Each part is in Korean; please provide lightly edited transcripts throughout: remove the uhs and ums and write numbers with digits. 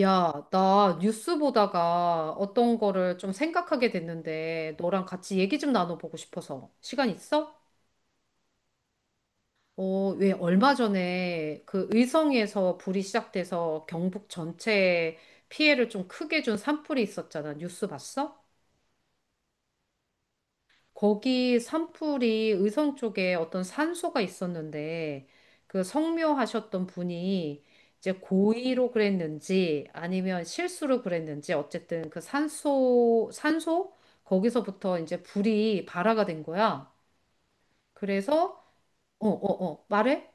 야, 나 뉴스 보다가 어떤 거를 좀 생각하게 됐는데, 너랑 같이 얘기 좀 나눠보고 싶어서. 시간 있어? 어, 왜 얼마 전에 그 의성에서 불이 시작돼서 경북 전체에 피해를 좀 크게 준 산불이 있었잖아. 뉴스 봤어? 거기 산불이 의성 쪽에 어떤 산소가 있었는데 그 성묘하셨던 분이 이제 고의로 그랬는지 아니면 실수로 그랬는지 어쨌든 그 산소 거기서부터 이제 불이 발화가 된 거야. 그래서 어 말해?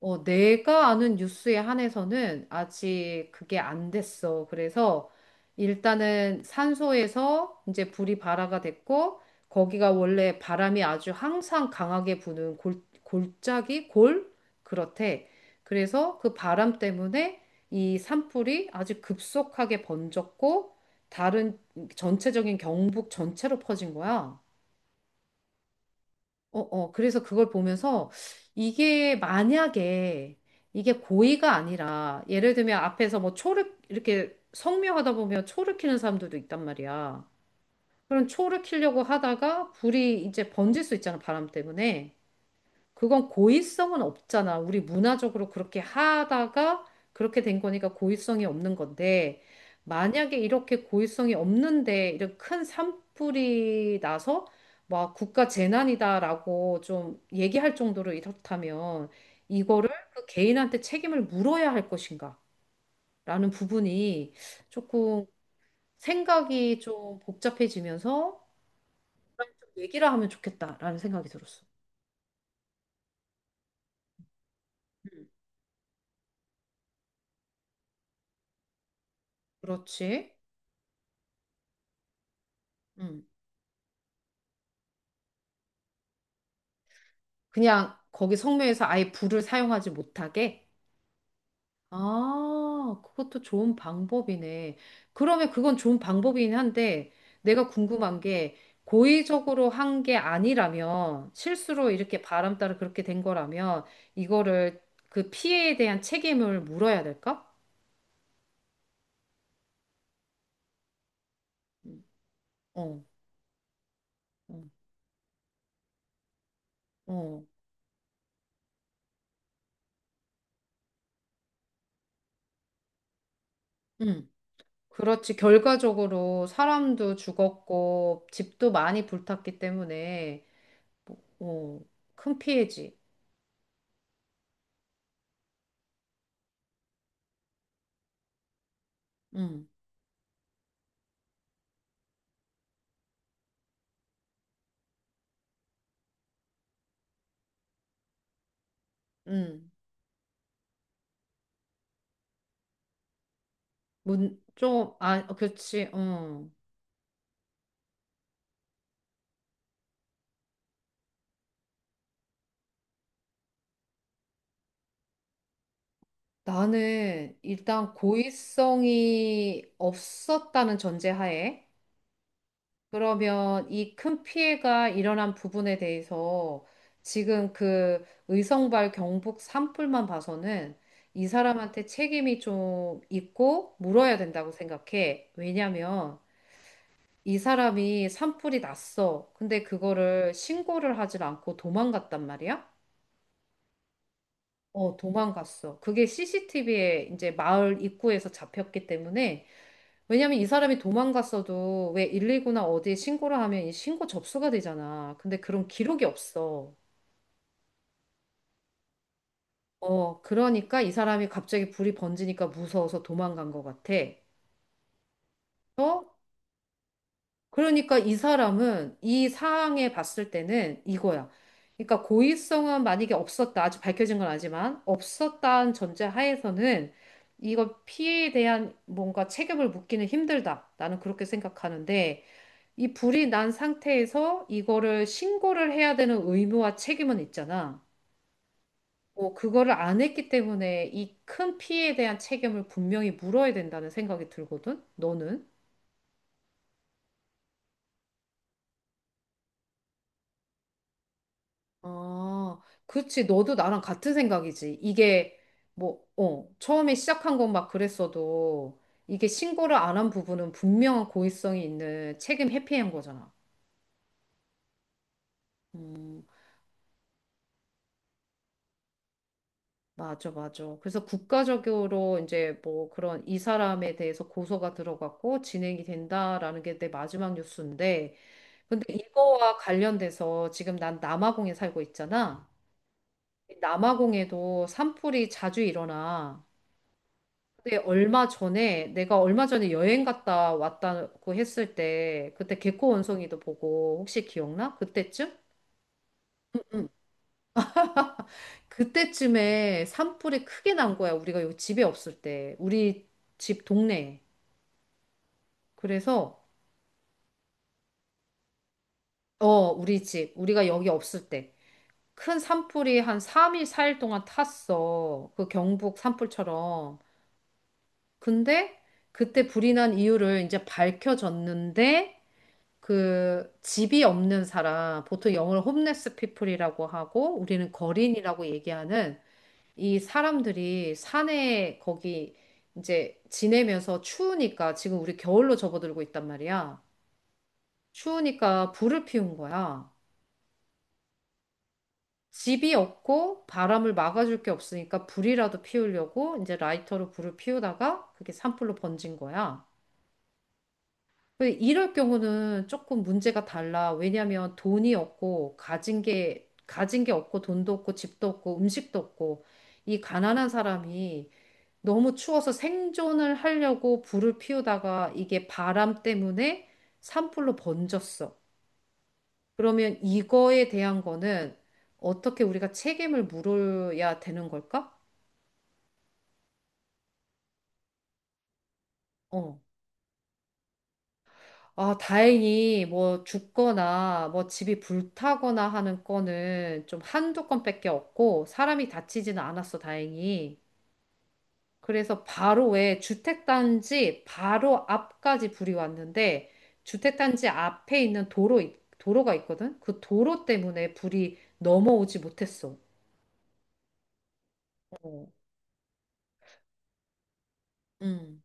어, 내가 아는 뉴스에 한해서는 아직 그게 안 됐어. 그래서 일단은 산소에서 이제 불이 발화가 됐고, 거기가 원래 바람이 아주 항상 강하게 부는 골, 골짜기? 골? 그렇대. 그래서 그 바람 때문에 이 산불이 아주 급속하게 번졌고, 다른 전체적인 경북 전체로 퍼진 거야. 어, 어, 그래서 그걸 보면서 이게 만약에 이게 고의가 아니라 예를 들면 앞에서 뭐 초를 이렇게 성묘하다 보면 초를 키는 사람들도 있단 말이야. 그럼 초를 키려고 하다가 불이 이제 번질 수 있잖아, 바람 때문에. 그건 고의성은 없잖아. 우리 문화적으로 그렇게 하다가 그렇게 된 거니까 고의성이 없는 건데, 만약에 이렇게 고의성이 없는데, 이런 큰 산불이 나서, 막 국가 재난이다라고 좀 얘기할 정도로 이렇다면, 이거를 그 개인한테 책임을 물어야 할 것인가? 라는 부분이 조금 생각이 좀 복잡해지면서, 좀 얘기를 하면 좋겠다라는 생각이 들었어. 음. 그렇지. 음. 그냥 거기 성묘에서 아예 불을 사용하지 못하게? 아, 그것도 좋은 방법이네. 그러면 그건 좋은 방법이긴 한데, 내가 궁금한 게, 고의적으로 한 게 아니라면, 실수로 이렇게 바람 따라 그렇게 된 거라면, 이거를 그 피해에 대한 책임을 물어야 될까? 음, 어, 어, 어. 응. 그렇지. 결과적으로 사람도 죽었고, 집도 많이 불탔기 때문에, 뭐, 어, 큰 피해지. 응, 응. 좀, 아, 어, 그렇지, 응. 나는 일단 고의성이 없었다는 전제하에, 그러면 이 큰 피해가 일어난 부분에 대해서 지금 그 의성발 경북 산불만 봐서는 이 사람한테 책임이 좀 있고 물어야 된다고 생각해. 왜냐면 이 사람이 산불이 났어. 근데 그거를 신고를 하질 않고 도망갔단 말이야? 어, 도망갔어. 그게 CCTV에 이제 마을 입구에서 잡혔기 때문에, 왜냐면 이 사람이 도망갔어도 왜 119나 어디에 신고를 하면 이 신고 접수가 되잖아. 근데 그런 기록이 없어. 어, 그러니까 이 사람이 갑자기 불이 번지니까 무서워서 도망간 것 같아. 그러니까 이 사람은 이 상황에 봤을 때는 이거야. 그러니까 고의성은 만약에 없었다. 아직 밝혀진 건 아니지만 없었다는 전제 하에서는 이거 피해에 대한 뭔가 책임을 묻기는 힘들다. 나는 그렇게 생각하는데 이 불이 난 상태에서 이거를 신고를 해야 되는 의무와 책임은 있잖아. 뭐 그거를 안 했기 때문에 이 큰 피해에 대한 책임을 분명히 물어야 된다는 생각이 들거든. 너는? 아, 그치. 너도 나랑 같은 생각이지. 이게 뭐, 어, 처음에 시작한 건 막 그랬어도 이게 신고를 안 한 부분은 분명한 고의성이 있는 책임 회피한 거잖아. 음, 맞아, 맞아. 그래서 국가적으로 이제 뭐 그런 이 사람에 대해서 고소가 들어갔고 진행이 된다라는 게 내 마지막 뉴스인데, 근데 이거와 관련돼서 지금 난 남아공에 살고 있잖아. 남아공에도 산불이 자주 일어나. 그때 얼마 전에 내가 얼마 전에 여행 갔다 왔다고 했을 때 그때 개코 원숭이도 보고 혹시 기억나? 그때쯤? 그때쯤에 산불이 크게 난 거야. 우리가 여기 집에 없을 때. 우리 집 동네에. 그래서 어, 우리 집. 우리가 여기 없을 때. 큰 산불이 한 3일, 4일 동안 탔어. 그 경북 산불처럼. 근데 그때 불이 난 이유를 이제 밝혀졌는데 그 집이 없는 사람, 보통 영어로 홈레스 피플이라고 하고 우리는 거린이라고 얘기하는 이 사람들이 산에 거기 이제 지내면서 추우니까 지금 우리 겨울로 접어들고 있단 말이야. 추우니까 불을 피운 거야. 집이 없고 바람을 막아줄 게 없으니까 불이라도 피우려고 이제 라이터로 불을 피우다가 그게 산불로 번진 거야. 그 이럴 경우는 조금 문제가 달라. 왜냐하면 돈이 없고 가진 게 없고 돈도 없고 집도 없고 음식도 없고 이 가난한 사람이 너무 추워서 생존을 하려고 불을 피우다가 이게 바람 때문에 산불로 번졌어. 그러면 이거에 대한 거는 어떻게 우리가 책임을 물어야 되는 걸까? 어. 아, 다행히 뭐 죽거나 뭐 집이 불타거나 하는 건은 좀 한두 건밖에 없고 사람이 다치지는 않았어, 다행히. 그래서 바로 왜 주택단지 바로 앞까지 불이 왔는데 주택단지 앞에 있는 도로, 도로가 있거든? 그 도로 때문에 불이 넘어오지 못했어. 어. 음.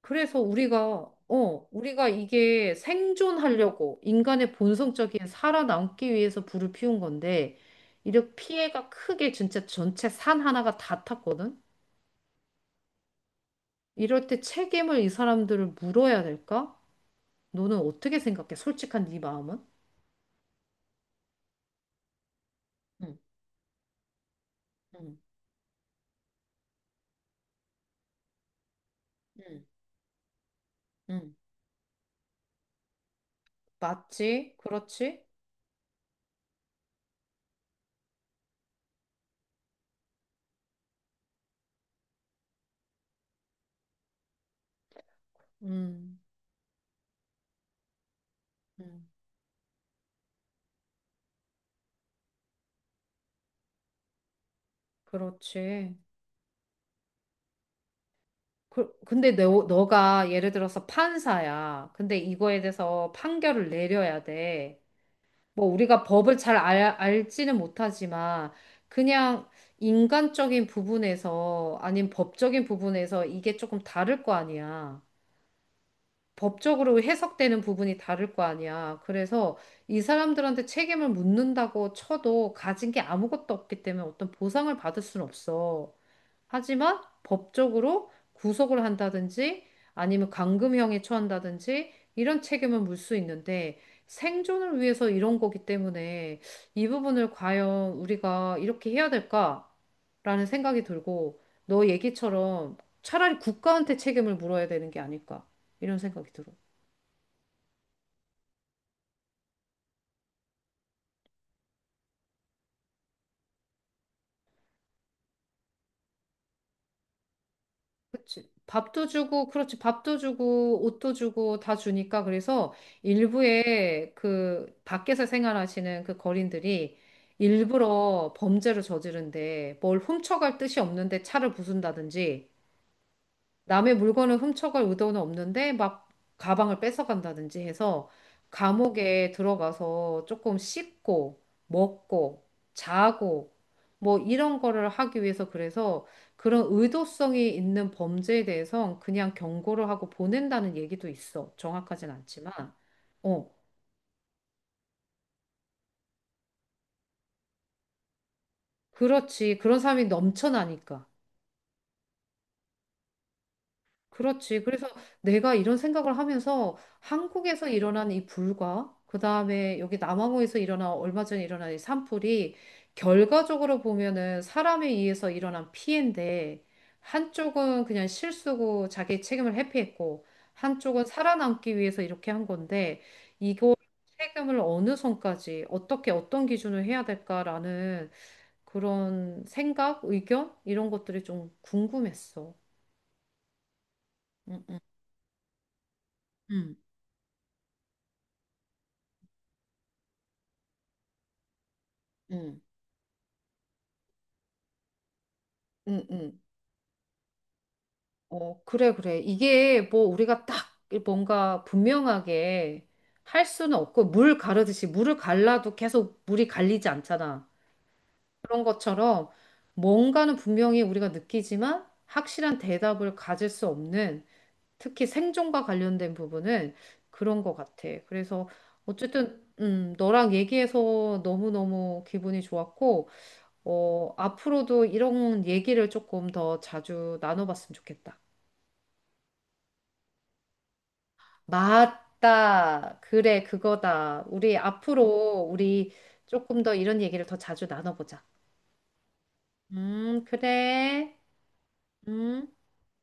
그래서 우리가, 어, 우리가 이게 생존하려고 인간의 본성적인 살아남기 위해서 불을 피운 건데, 이렇게 피해가 크게 진짜 전체 산 하나가 다 탔거든? 이럴 때 책임을 이 사람들을 물어야 될까? 너는 어떻게 생각해? 솔직한 네 마음은? 응, 응, 응, 응. 맞지? 그렇지? 음, 음, 그렇지. 근데 너가 예를 들어서 판사야. 근데 이거에 대해서 판결을 내려야 돼. 뭐 우리가 법을 잘 알지는 못하지만 그냥 인간적인 부분에서 아닌 법적인 부분에서 이게 조금 다를 거 아니야. 법적으로 해석되는 부분이 다를 거 아니야. 그래서 이 사람들한테 책임을 묻는다고 쳐도 가진 게 아무것도 없기 때문에 어떤 보상을 받을 수는 없어. 하지만 법적으로 구속을 한다든지 아니면 감금형에 처한다든지 이런 책임을 물 수 있는데 생존을 위해서 이런 거기 때문에 이 부분을 과연 우리가 이렇게 해야 될까라는 생각이 들고 너 얘기처럼 차라리 국가한테 책임을 물어야 되는 게 아닐까 이런 생각이 들어. 밥도 주고, 그렇지, 밥도 주고, 옷도 주고, 다 주니까, 그래서 일부의 그 밖에서 생활하시는 그 거린들이 일부러 범죄를 저지른데 뭘 훔쳐갈 뜻이 없는데 차를 부순다든지 남의 물건을 훔쳐갈 의도는 없는데 막 가방을 뺏어간다든지 해서 감옥에 들어가서 조금 씻고 먹고 자고 뭐 이런 거를 하기 위해서 그래서 그런 의도성이 있는 범죄에 대해서 그냥 경고를 하고 보낸다는 얘기도 있어. 정확하진 않지만. 어, 그렇지. 그런 사람이 넘쳐나니까. 그렇지. 그래서 내가 이런 생각을 하면서 한국에서 일어난 이 불과, 그 다음에 여기 남아공에서 일어난 얼마 전에 일어난 이 산불이 결과적으로 보면은 사람에 의해서 일어난 피해인데, 한쪽은 그냥 실수고 자기 책임을 회피했고, 한쪽은 살아남기 위해서 이렇게 한 건데, 이거 책임을 어느 선까지, 어떻게, 어떤 기준을 해야 될까라는 그런 생각, 의견? 이런 것들이 좀 궁금했어. 응, 응, 응. 응, 응. 어, 그래, 그래. 이게 뭐 우리가 딱 뭔가 분명하게 할 수는 없고, 물 가르듯이 물을 갈라도 계속 물이 갈리지 않잖아. 그런 것처럼 뭔가는 분명히 우리가 느끼지만 확실한 대답을 가질 수 없는 특히 생존과 관련된 부분은 그런 것 같아. 그래서 어쨌든, 너랑 얘기해서 너무너무 기분이 좋았고, 어, 앞으로도 이런 얘기를 조금 더 자주 나눠봤으면 좋겠다. 맞다. 그래, 그거다. 우리 앞으로 우리 조금 더 이런 얘기를 더 자주 나눠보자. 그래. 음.